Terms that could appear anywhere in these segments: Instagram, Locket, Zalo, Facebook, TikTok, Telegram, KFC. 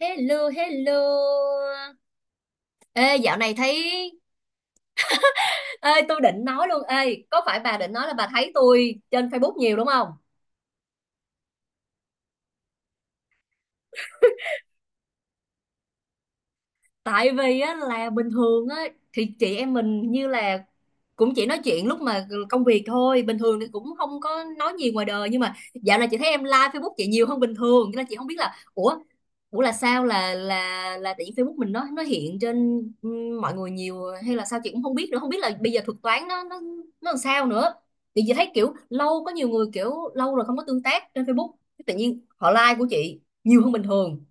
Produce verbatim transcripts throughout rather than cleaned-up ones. Hello, hello. Ê, dạo này thấy... Ê, tôi định nói luôn. Ê, có phải bà định nói là bà thấy tôi trên Facebook nhiều đúng không? Tại vì á, là bình thường á, thì chị em mình như là cũng chỉ nói chuyện lúc mà công việc thôi, bình thường thì cũng không có nói nhiều ngoài đời, nhưng mà dạo này chị thấy em like Facebook chị nhiều hơn bình thường, cho nên chị không biết là ủa ủa là sao, là là là tại vì Facebook mình nó nó hiện trên ừ, mọi người nhiều hay là sao chị cũng không biết nữa, không biết là bây giờ thuật toán nó nó nó làm sao nữa. Thì chị thấy kiểu lâu, có nhiều người kiểu lâu rồi không có tương tác trên Facebook, tự nhiên họ like của chị nhiều hơn bình thường.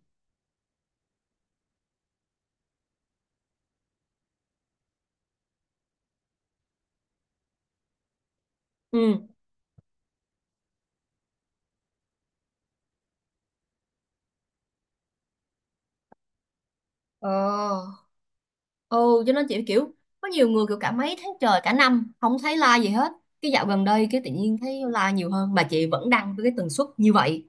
Ừ. Ờ. Ừ, cho nên chị kiểu có nhiều người kiểu cả mấy tháng trời, cả năm không thấy like gì hết, cái dạo gần đây cái tự nhiên thấy like nhiều hơn mà chị vẫn đăng với cái tần suất như vậy.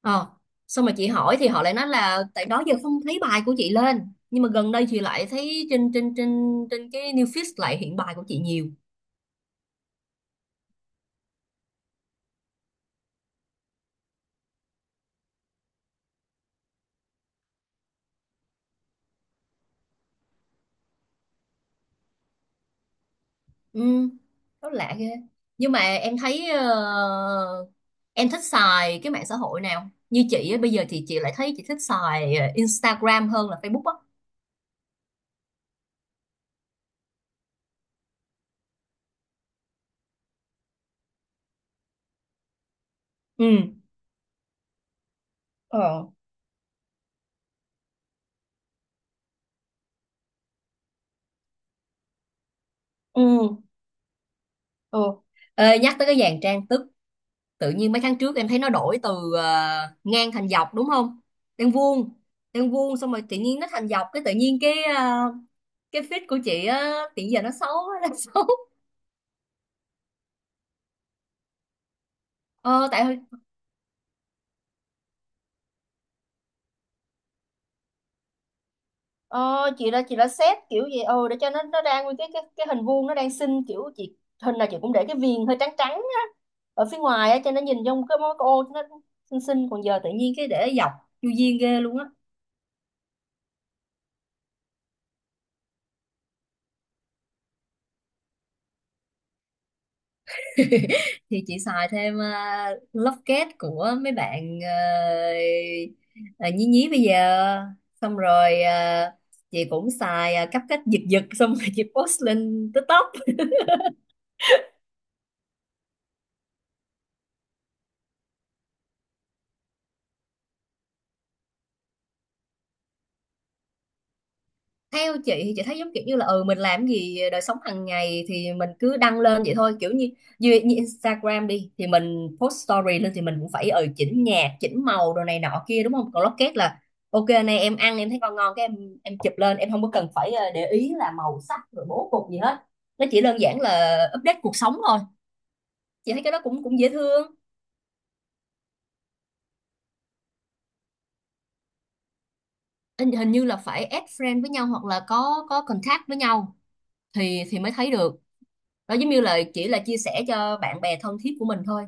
Ờ, xong mà chị hỏi thì họ lại nói là tại đó giờ không thấy bài của chị lên, nhưng mà gần đây chị lại thấy trên trên trên trên cái new feed lại hiện bài của chị nhiều. Ừ, rất lạ ghê. Nhưng mà em thấy ờ, em thích xài cái mạng xã hội nào? Như chị á, bây giờ thì chị lại thấy chị thích xài ờ, Instagram hơn là Facebook á. Ừ. Ờ. Ừ. Ừ. Ê, nhắc tới cái dàn trang sức, tự nhiên mấy tháng trước em thấy nó đổi từ ờ, ngang thành dọc đúng không? Đang vuông, đang vuông xong rồi tự nhiên nó thành dọc, cái tự nhiên cái ờ, cái feed của chị á, hiện giờ nó xấu, nó xấu. Ờ, tại Ờ, chị đã chị đã xét kiểu gì ừ để cho nó nó đang nguyên cái cái cái hình vuông nó đang xinh, kiểu chị hình nào chị cũng để cái viền hơi trắng trắng á ở phía ngoài á cho nó nhìn trong cái mối cái ô nó xinh xinh, còn giờ tự nhiên cái để dọc chu duyên ghê luôn á. Thì chị xài thêm uh, locket của mấy bạn ờ, ờ, nhí nhí bây giờ, xong rồi ờ, chị cũng xài ờ, cắp cách giật giật xong rồi chị post lên TikTok. Theo chị thì chị thấy giống kiểu như là ừ mình làm gì đời sống hàng ngày thì mình cứ đăng lên vậy thôi, kiểu như như, như Instagram đi thì mình post story lên thì mình cũng phải ừ chỉnh nhạc chỉnh màu đồ này nọ kia đúng không, còn Locket là ok này em ăn em thấy ngon ngon cái em em chụp lên, em không có cần phải ờ, để ý là màu sắc rồi bố cục gì hết, nó chỉ đơn giản là update cuộc sống thôi. Chị thấy cái đó cũng cũng dễ thương. Hình hình như là phải add friend với nhau hoặc là có có contact với nhau thì thì mới thấy được, đó giống như là chỉ là chia sẻ cho bạn bè thân thiết của mình thôi.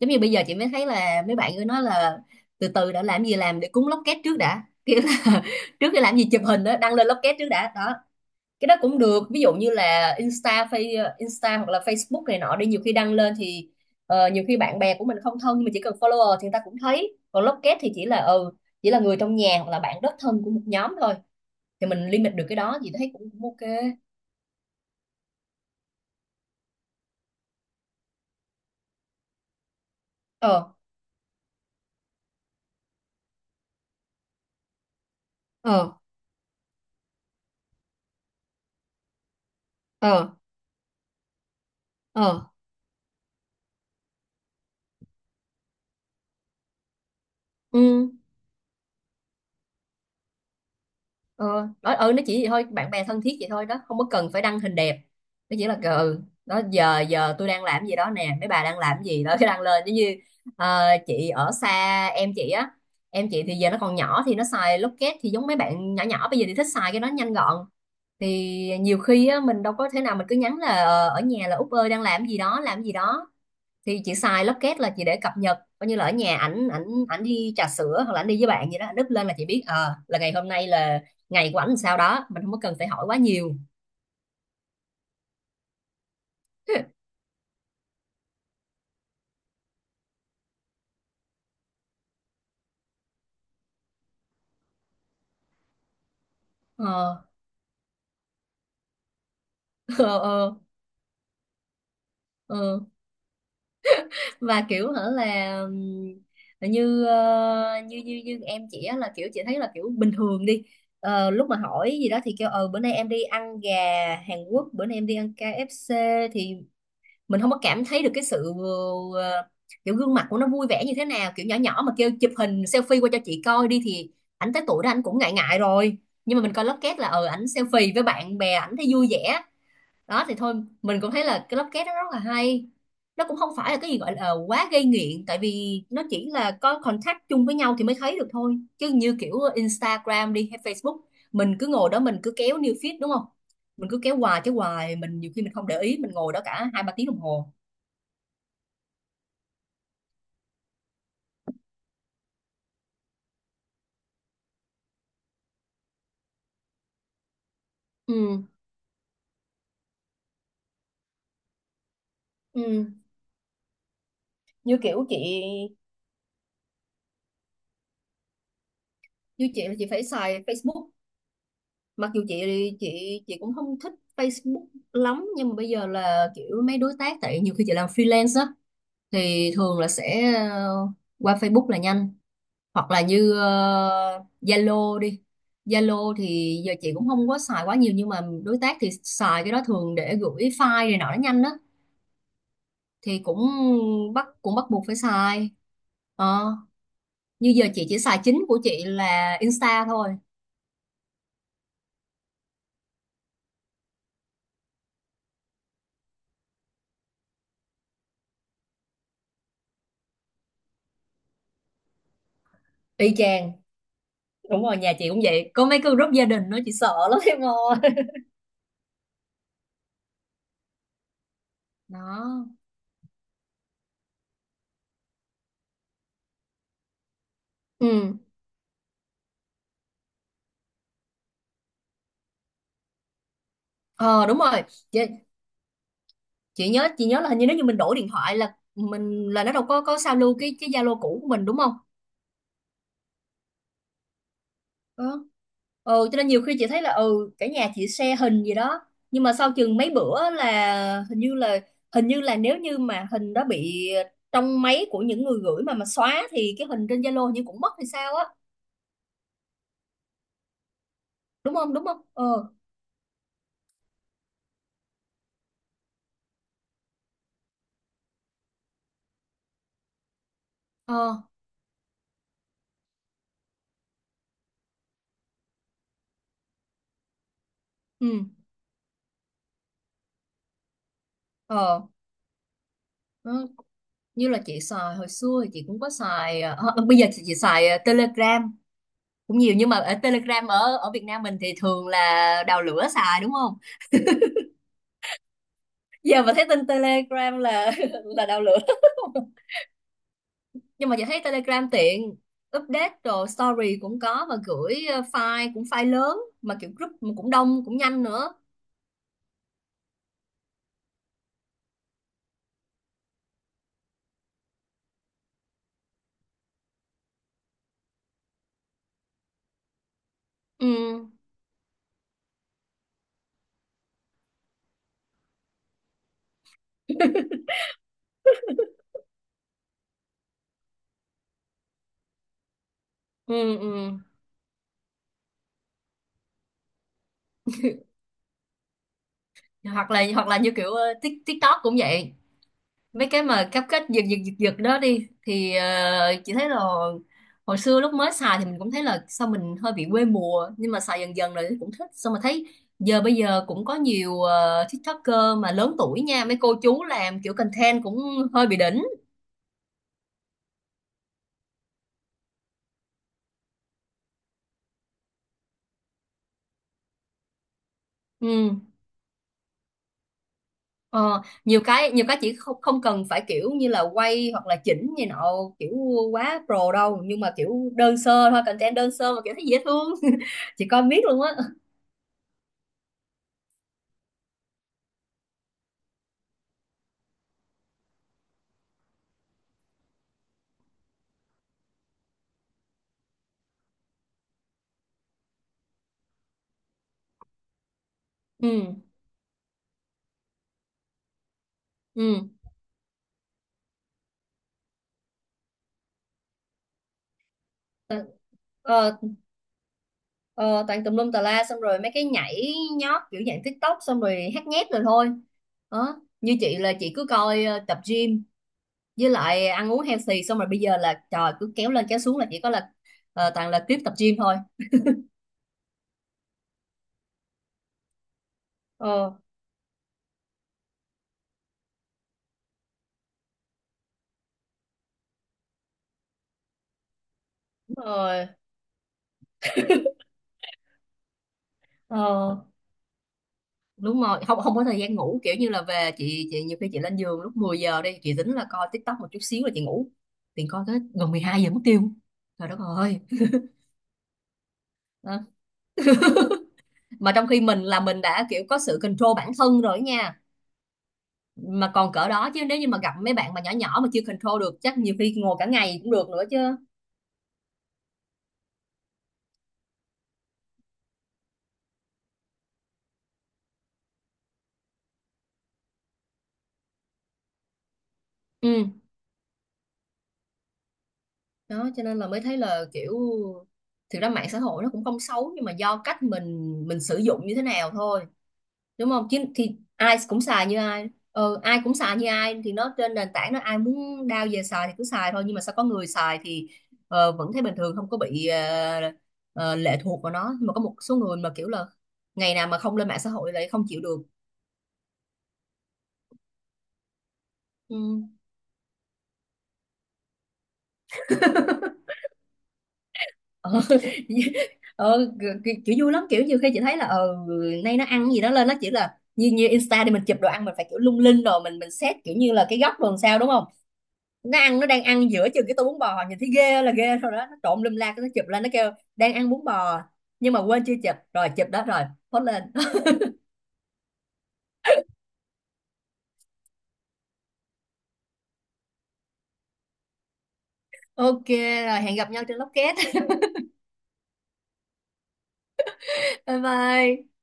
Giống như bây giờ chị mới thấy là mấy bạn cứ nói là từ từ đã, làm gì làm để cúng lốc két trước đã, kiểu là trước khi làm gì chụp hình đó đăng lên lốc két trước đã đó. Cái đó cũng được, ví dụ như là Insta Face Insta hoặc là Facebook này nọ đi, nhiều khi đăng lên thì ờ, nhiều khi bạn bè của mình không thân nhưng mà chỉ cần follower thì người ta cũng thấy, còn lốc két thì chỉ là ừ chỉ là người trong nhà hoặc là bạn rất thân của một nhóm thôi, thì mình limit được cái đó thì thấy cũng, cũng ok. Ờ. Ờ. Ờ. Ờ. Ừ. Ờ đó, ừ nó chỉ vậy thôi, bạn bè thân thiết vậy thôi đó, không có cần phải đăng hình đẹp, nó chỉ là "Ờ, ừ đó giờ giờ tôi đang làm gì đó nè, mấy bà đang làm gì đó", cái đăng lên giống như ờ, chị ở xa em chị á, em chị thì giờ nó còn nhỏ thì nó xài Locket, thì giống mấy bạn nhỏ nhỏ bây giờ thì thích xài cái đó nhanh gọn thì nhiều khi á, mình đâu có thể nào mình cứ nhắn là ờ, ở nhà là Út ơi đang làm gì đó làm gì đó, thì chị xài Locket là chị để cập nhật, coi như là ở nhà ảnh, ảnh ảnh đi trà sữa hoặc là ảnh đi với bạn gì đó, ảnh up lên là chị biết ờ là ngày hôm nay là ngày của ảnh làm sao đó, mình không có cần phải hỏi quá nhiều. Ờ. Ờ. Ờ. Ờ. Và kiểu hả là ừm, như ờ, như như như em chị á, là kiểu chị thấy là kiểu bình thường đi Ờ, lúc mà hỏi gì đó thì kêu ờ bữa nay em đi ăn gà Hàn Quốc, bữa nay em đi ăn ca ép xê, thì mình không có cảm thấy được cái sự ờ, kiểu gương mặt của nó vui vẻ như thế nào, kiểu nhỏ nhỏ mà kêu chụp hình selfie qua cho chị coi đi thì ảnh tới tuổi đó ảnh cũng ngại ngại rồi, nhưng mà mình coi lóc két là ờ ảnh selfie với bạn bè ảnh thấy vui vẻ đó thì thôi, mình cũng thấy là cái lóc két đó rất là hay. Nó cũng không phải là cái gì gọi là ờ, quá gây nghiện, tại vì nó chỉ là có contact chung với nhau thì mới thấy được thôi, chứ như kiểu Instagram đi hay Facebook mình cứ ngồi đó mình cứ kéo new feed đúng không, mình cứ kéo hoài kéo hoài mình nhiều khi mình không để ý mình ngồi đó cả hai ba tiếng đồng hồ. Ừ. Ừ. Như kiểu chị, như chị là chị phải xài Facebook, mặc dù chị chị chị cũng không thích Facebook lắm, nhưng mà bây giờ là kiểu mấy đối tác tại nhiều khi chị làm freelance á thì thường là sẽ ờ, qua Facebook là nhanh, hoặc là như ờ, Zalo đi, Zalo thì giờ chị cũng không có xài quá nhiều nhưng mà đối tác thì xài cái đó thường để gửi file này nọ nó nhanh á, thì cũng bắt cũng bắt buộc phải xài. Ờ, như giờ chị chỉ xài chính của chị là Insta thôi. Y chang. Đúng rồi, nhà chị cũng vậy, có mấy cái group gia đình nó chị sợ lắm em ơi. Đó. Ừ. Ờ đúng rồi, chị, chị nhớ chị nhớ là hình như nếu như mình đổi điện thoại là mình là nó đâu có có sao lưu cái cái Zalo cũ của mình đúng không? Đó. Ừ, cho nên nhiều khi chị thấy là ừ cả nhà chị share hình gì đó nhưng mà sau chừng mấy bữa là hình như là hình như là nếu như mà hình đó bị trong máy của những người gửi mà mà xóa thì cái hình trên Zalo hình như cũng mất hay sao á. Đúng không đúng không Ờ. Ờ. Ừ. Ờ. Nó như là chị xài hồi xưa thì chị cũng có xài ờ, ờ, ờ, bây giờ thì chị xài ờ, Telegram cũng nhiều, nhưng mà ở Telegram ở ở Việt Nam mình thì thường là đào lửa xài đúng không. Giờ mà thấy tin Telegram là là đào lửa nhưng mà chị thấy Telegram tiện update rồi story cũng có, và gửi ờ, file cũng file lớn mà kiểu group mà cũng đông cũng nhanh nữa. Ừ. Ừ. Ừ. hoặc là hoặc là như kiểu ờ, Tik- TikTok cũng vậy, mấy cái mà cáp cách giật giật giật giật đó đi thì ờ, chị thấy là hồi xưa lúc mới xài thì mình cũng thấy là sao mình hơi bị quê mùa, nhưng mà xài dần dần rồi thì cũng thích, xong mà thấy giờ bây giờ cũng có nhiều ờ, TikToker mà lớn tuổi nha, mấy cô chú làm kiểu content cũng hơi bị đỉnh. Ừ. Ờ, nhiều cái nhiều cái chỉ không không cần phải kiểu như là quay hoặc là chỉnh như nọ kiểu quá pro đâu, nhưng mà kiểu đơn sơ thôi, content đơn sơ mà kiểu thấy dễ thương. Chị coi miết luôn á. Ừ. Ừ. Ờ, ờ, Ờ, toàn tùm lum tà la, xong rồi mấy cái nhảy nhót kiểu dạng TikTok xong rồi hát nhép rồi thôi đó. Như chị là chị cứ coi ờ, tập gym với lại ăn uống healthy, xong rồi bây giờ là trời cứ kéo lên kéo xuống là chỉ có là ờ, toàn là clip tập gym thôi. Ờ đúng rồi. Ờ đúng rồi, không không có thời gian ngủ, kiểu như là về chị chị nhiều khi chị lên giường lúc mười giờ đi, chị tính là coi TikTok một chút xíu là chị ngủ, thì coi tới gần mười hai giờ mất tiêu. Trời đất ơi. Đó. Mà trong khi mình là mình đã kiểu có sự control bản thân rồi nha, mà còn cỡ đó, chứ nếu như mà gặp mấy bạn mà nhỏ nhỏ mà chưa control được chắc nhiều khi ngồi cả ngày cũng được nữa chứ. Ừ đó, cho nên là mới thấy là kiểu thực ra mạng xã hội nó cũng không xấu, nhưng mà do cách mình mình sử dụng như thế nào thôi, đúng không chứ thì ai cũng xài như ai. Ừ, ai cũng xài như ai thì nó trên nền tảng nó, ai muốn đao về xài thì cứ xài thôi, nhưng mà sao có người xài thì ờ, vẫn thấy bình thường không có bị ờ, ờ, lệ thuộc vào nó, nhưng mà có một số người mà kiểu là ngày nào mà không lên mạng xã hội lại không chịu được. ừ, ờ, ờ, kiểu, kiểu vui lắm, kiểu nhiều khi chị thấy là ờ nay nó ăn cái gì đó lên, nó chỉ là như như Insta đi mình chụp đồ ăn mình phải kiểu lung linh rồi mình mình xét kiểu như là cái góc rồi làm sao đúng không, nó ăn nó đang ăn giữa chừng cái tô bún bò nhìn thấy ghê là ghê rồi đó, nó trộn lum la cái nó chụp lên nó kêu đang ăn bún bò, nhưng mà quên chưa chụp, rồi chụp đó rồi post lên. Ok, rồi hẹn gặp nhau trên Locket. Bye bye.